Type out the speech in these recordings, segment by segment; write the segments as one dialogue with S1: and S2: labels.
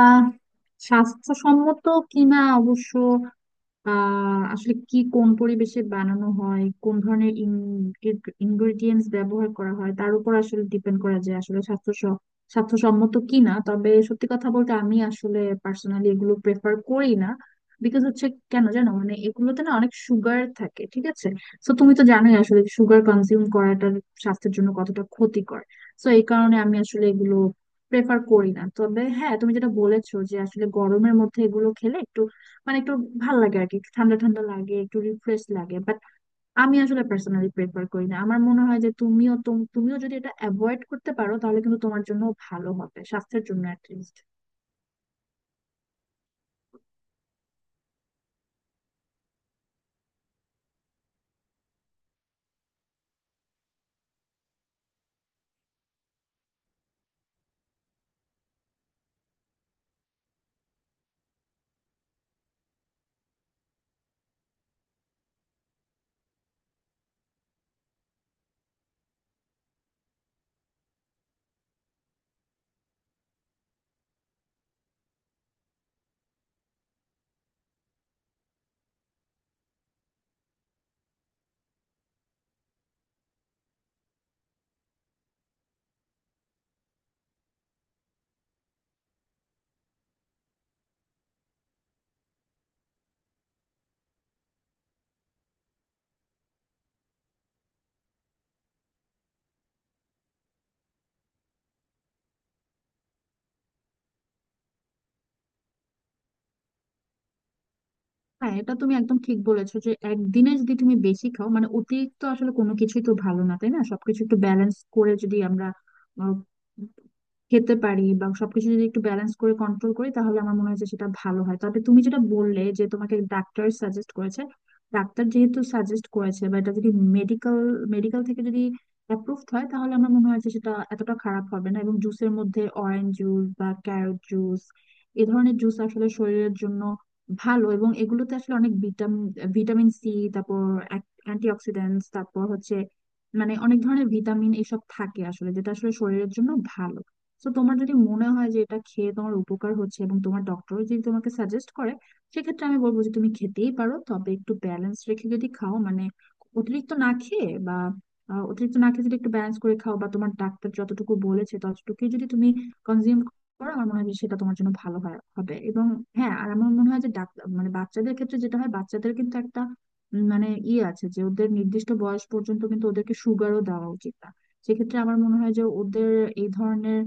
S1: আহ স্বাস্থ্যসম্মত কিনা অবশ্য, আসলে কি কোন পরিবেশে বানানো হয়, কোন ধরনের ইনগ্রেডিয়েন্টস ব্যবহার করা হয় তার উপর আসলে ডিপেন্ড করা যায় আসলে স্বাস্থ্যসম্মত কি না। তবে সত্যি কথা বলতে আমি আসলে পার্সোনালি এগুলো প্রেফার করি না, বিকজ হচ্ছে কেন জানো মানে এগুলোতে না অনেক সুগার থাকে, ঠিক আছে? তো তুমি তো জানোই আসলে সুগার কনজিউম করাটা স্বাস্থ্যের জন্য কতটা ক্ষতিকর। তো এই কারণে আমি আসলে এগুলো প্রেফার করি না। তবে হ্যাঁ, তুমি যেটা বলেছো যে আসলে গরমের মধ্যে এগুলো খেলে মানে একটু ভাল লাগে আর কি, একটু ঠান্ডা ঠান্ডা লাগে, একটু রিফ্রেশ লাগে, বাট আমি আসলে পার্সোনালি প্রেফার করি না। আমার মনে হয় যে তুমিও যদি এটা অ্যাভয়েড করতে পারো তাহলে কিন্তু তোমার জন্য ভালো হবে, স্বাস্থ্যের জন্য অ্যাটলিস্ট। হ্যাঁ, এটা তুমি একদম ঠিক বলেছো যে একদিনে যদি তুমি বেশি খাও মানে অতিরিক্ত, আসলে কোনো কিছুই তো ভালো না, তাই না? সবকিছু একটু ব্যালেন্স করে যদি আমরা খেতে পারি বা সবকিছু যদি একটু ব্যালেন্স করে কন্ট্রোল করি তাহলে আমার মনে হয় যে সেটা ভালো হয়। তবে তুমি যেটা বললে যে তোমাকে ডাক্তার সাজেস্ট করেছে, ডাক্তার যেহেতু সাজেস্ট করেছে বা এটা যদি মেডিকেল মেডিকেল থেকে যদি অ্যাপ্রুভ হয় তাহলে আমার মনে হয় যে সেটা এতটা খারাপ হবে না। এবং জুসের মধ্যে অরেঞ্জ জুস বা ক্যারট জুস, এ ধরনের জুস আসলে শরীরের জন্য ভালো, এবং এগুলোতে আসলে অনেক ভিটামিন ভিটামিন সি, তারপর অ্যান্টি অক্সিডেন্টস, তারপর হচ্ছে মানে অনেক ধরনের ভিটামিন এসব থাকে আসলে, যেটা আসলে শরীরের জন্য ভালো। তো তোমার যদি মনে হয় যে এটা খেয়ে তোমার উপকার হচ্ছে এবং তোমার ডক্টর যদি তোমাকে সাজেস্ট করে, সেক্ষেত্রে আমি বলবো যে তুমি খেতেই পারো। তবে একটু ব্যালেন্স রেখে যদি খাও, মানে অতিরিক্ত না খেয়ে বা অতিরিক্ত না খেয়ে যদি একটু ব্যালেন্স করে খাও বা তোমার ডাক্তার যতটুকু বলেছে ততটুকুই যদি তুমি কনজিউম করো, আমার মনে হয় যে সেটা তোমার জন্য ভালো হবে। এবং হ্যাঁ, আর আমার মনে হয় যে ডাক্তার মানে বাচ্চাদের ক্ষেত্রে যেটা হয়, বাচ্চাদের কিন্তু একটা মানে ইয়ে আছে যে ওদের নির্দিষ্ট বয়স পর্যন্ত কিন্তু ওদেরকে সুগারও দেওয়া উচিত না। সেক্ষেত্রে আমার মনে হয় যে ওদের এই ধরনের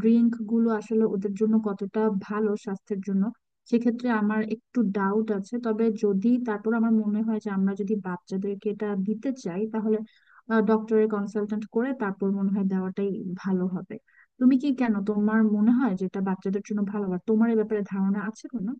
S1: ড্রিঙ্ক গুলো আসলে ওদের জন্য কতটা ভালো স্বাস্থ্যের জন্য, সেক্ষেত্রে আমার একটু ডাউট আছে। তবে যদি তারপর আমার মনে হয় যে আমরা যদি বাচ্চাদেরকে এটা দিতে চাই তাহলে ডক্টরের কনসালটেন্ট করে তারপর মনে হয় দেওয়াটাই ভালো হবে। তুমি কি কেন তোমার মনে হয় যে এটা বাচ্চাদের জন্য ভালো? আর তোমার এই ব্যাপারে ধারণা আছে কোনো?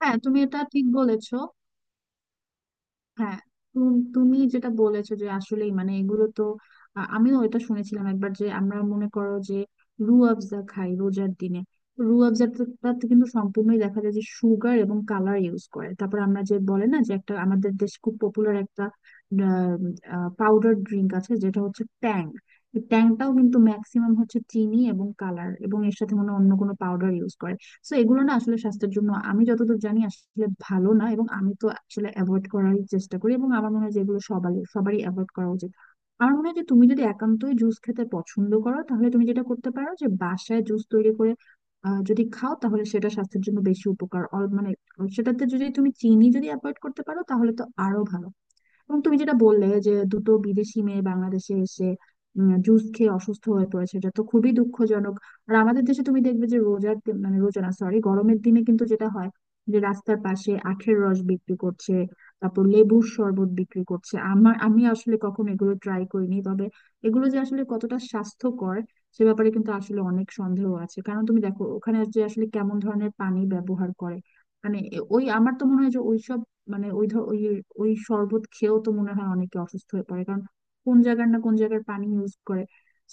S1: হ্যাঁ, তুমি এটা ঠিক বলেছো। হ্যাঁ, তুমি যেটা বলেছো যে আসলেই মানে এগুলো তো আমিও এটা শুনেছিলাম একবার, যে আমরা মনে করো যে রু আফজা খাই রোজার দিনে, রু আফজাটাতে কিন্তু সম্পূর্ণই দেখা যায় যে সুগার এবং কালার ইউজ করে। তারপর আমরা যে বলে না যে একটা আমাদের দেশ খুব পপুলার একটা পাউডার ড্রিঙ্ক আছে যেটা হচ্ছে ট্যাং, ট্যাংটাও কিন্তু ম্যাক্সিমাম হচ্ছে চিনি এবং কালার এবং এর সাথে মনে হয় অন্য কোনো পাউডার ইউজ করে। তো এগুলো না আসলে স্বাস্থ্যের জন্য, আমি যতদূর জানি আসলে ভালো না। এবং আমি তো আসলে অ্যাভয়েড করারই চেষ্টা করি, এবং আমার মনে হয় যে এগুলো সবারই সবারই অ্যাভয়েড করা উচিত। আমার মনে হয় যে তুমি যদি একান্তই জুস খেতে পছন্দ করো তাহলে তুমি যেটা করতে পারো, যে বাসায় জুস তৈরি করে যদি খাও তাহলে সেটা স্বাস্থ্যের জন্য বেশি উপকার, মানে সেটাতে যদি তুমি চিনি যদি অ্যাভয়েড করতে পারো তাহলে তো আরো ভালো। এবং তুমি যেটা বললে যে দুটো বিদেশি মেয়ে বাংলাদেশে এসে জুস খেয়ে অসুস্থ হয়ে পড়েছে, এটা তো খুবই দুঃখজনক। আর আমাদের দেশে তুমি দেখবে যে মানে রোজা না, সরি, গরমের দিনে কিন্তু যেটা হয়, যে রাস্তার পাশে আখের রস বিক্রি করছে, তারপর লেবুর শরবত বিক্রি করছে। আমার আমি আসলে কখনো এগুলো ট্রাই করিনি, তবে এগুলো যে আসলে কতটা স্বাস্থ্যকর সে ব্যাপারে কিন্তু আসলে অনেক সন্দেহ আছে, কারণ তুমি দেখো ওখানে যে আসলে কেমন ধরনের পানি ব্যবহার করে। মানে এ- ওই আমার তো মনে হয় যে ওইসব মানে ওই ধর ওই ওই শরবত খেয়েও তো মনে হয় অনেকে অসুস্থ হয়ে পড়ে, কারণ কোন জায়গার পানি ইউজ করে।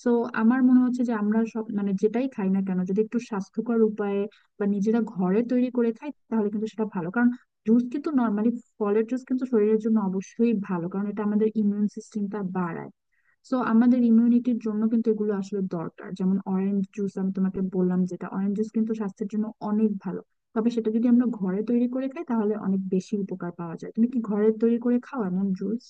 S1: সো আমার মনে হচ্ছে যে আমরা সব মানে যেটাই খাই না কেন, যদি একটু স্বাস্থ্যকর উপায়ে বা নিজেরা ঘরে তৈরি করে খাই তাহলে কিন্তু সেটা ভালো। কারণ জুস কিন্তু নর্মালি, ফলের জুস কিন্তু শরীরের জন্য অবশ্যই ভালো, কারণ এটা আমাদের ইমিউন সিস্টেমটা বাড়ায়। সো আমাদের ইমিউনিটির জন্য কিন্তু এগুলো আসলে দরকার, যেমন অরেঞ্জ জুস আমি তোমাকে বললাম, যেটা অরেঞ্জ জুস কিন্তু স্বাস্থ্যের জন্য অনেক ভালো। তবে সেটা যদি আমরা ঘরে তৈরি করে খাই তাহলে অনেক বেশি উপকার পাওয়া যায়। তুমি কি ঘরে তৈরি করে খাও এমন জুস?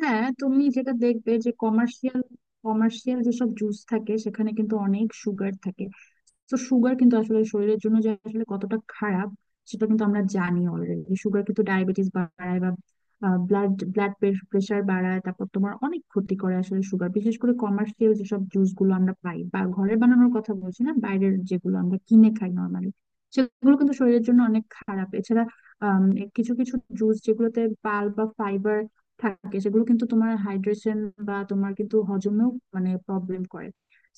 S1: হ্যাঁ, তুমি যেটা দেখবে যে কমার্শিয়াল কমার্শিয়াল যেসব জুস থাকে সেখানে কিন্তু অনেক সুগার থাকে। তো সুগার কিন্তু আসলে শরীরের জন্য যে আসলে কতটা খারাপ সেটা কিন্তু আমরা জানি অলরেডি। সুগার কিন্তু ডায়াবেটিস বাড়ায় বা ব্লাড ব্লাড প্রেশার বাড়ায়, তারপর তোমার অনেক ক্ষতি করে আসলে সুগার, বিশেষ করে কমার্শিয়াল যেসব জুস গুলো আমরা পাই, বা ঘরে বানানোর কথা বলছি না, বাইরের যেগুলো আমরা কিনে খাই নর্মালি, সেগুলো কিন্তু শরীরের জন্য অনেক খারাপ। এছাড়া আম, কিছু কিছু জুস যেগুলোতে পাল বা ফাইবার থাকে সেগুলো কিন্তু তোমার হাইড্রেশন বা তোমার কিন্তু হজমেও মানে প্রবলেম করে।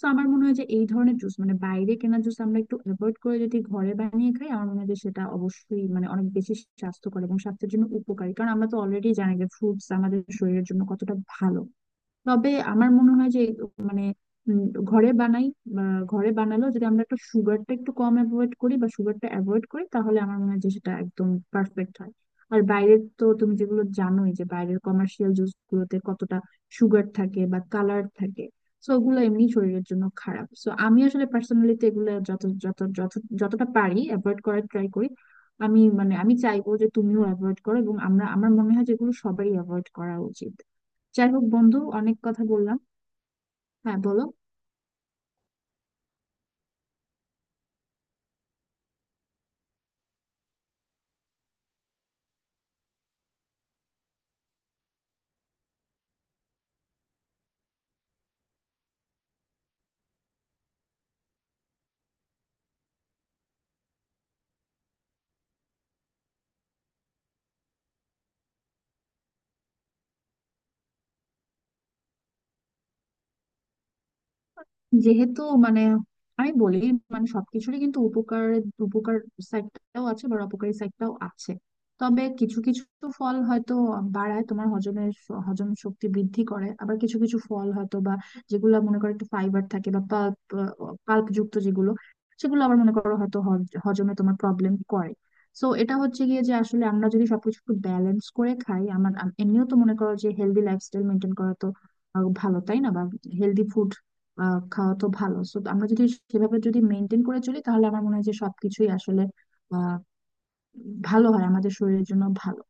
S1: তো আমার মনে হয় যে এই ধরনের জুস মানে বাইরে কেনা জুস আমরা একটু অ্যাভয়েড করে যদি ঘরে বানিয়ে খাই, আমার মনে হয় যে সেটা অবশ্যই মানে অনেক বেশি স্বাস্থ্যকর এবং স্বাস্থ্যের জন্য উপকারী, কারণ আমরা তো অলরেডি জানি যে ফ্রুটস আমাদের শরীরের জন্য কতটা ভালো। তবে আমার মনে হয় যে মানে উম, ঘরে বানাই বা ঘরে বানালেও যদি আমরা একটু সুগারটা একটু কম অ্যাভয়েড করি বা সুগারটা অ্যাভয়েড করি তাহলে আমার মনে হয় যে সেটা একদম পারফেক্ট হয়। আর বাইরের তো তুমি যেগুলো জানোই যে বাইরের কমার্শিয়াল জুস গুলোতে কতটা সুগার থাকে বা কালার থাকে, সো ওগুলো এমনি শরীরের জন্য খারাপ। সো আমি আসলে পার্সোনালি তো এগুলো যত যত যত যতটা পারি অ্যাভয়েড করার ট্রাই করি। আমি চাইবো যে তুমিও অ্যাভয়েড করো, এবং আমরা আমার মনে হয় যেগুলো সবারই অ্যাভয়েড করা উচিত। যাই হোক বন্ধু, অনেক কথা বললাম। হ্যাঁ, বলো। যেহেতু মানে আমি বলি মানে সবকিছুরই কিন্তু উপকার উপকার সাইডটাও আছে বা অপকারী সাইডটাও আছে। তবে কিছু কিছু ফল হয়তো বাড়ায় তোমার হজম শক্তি বৃদ্ধি করে, আবার কিছু কিছু ফল হয়তো বা যেগুলো মনে করো একটু ফাইবার থাকে বা পাল্প পাল্প যুক্ত যেগুলো, সেগুলো আবার মনে করো হয়তো হজমে তোমার প্রবলেম করে। সো এটা হচ্ছে গিয়ে যে আসলে আমরা যদি সবকিছু একটু ব্যালেন্স করে খাই, এমনিও তো মনে করো যে হেলদি লাইফস্টাইল মেনটেন করা তো আরো ভালো, তাই না? বা হেলদি ফুড খাওয়া তো ভালো। তো আমরা যদি সেভাবে যদি মেনটেন করে চলি তাহলে আমার মনে হয় যে সবকিছুই আসলে আহ ভালো হয়, আমাদের শরীরের জন্য ভালো।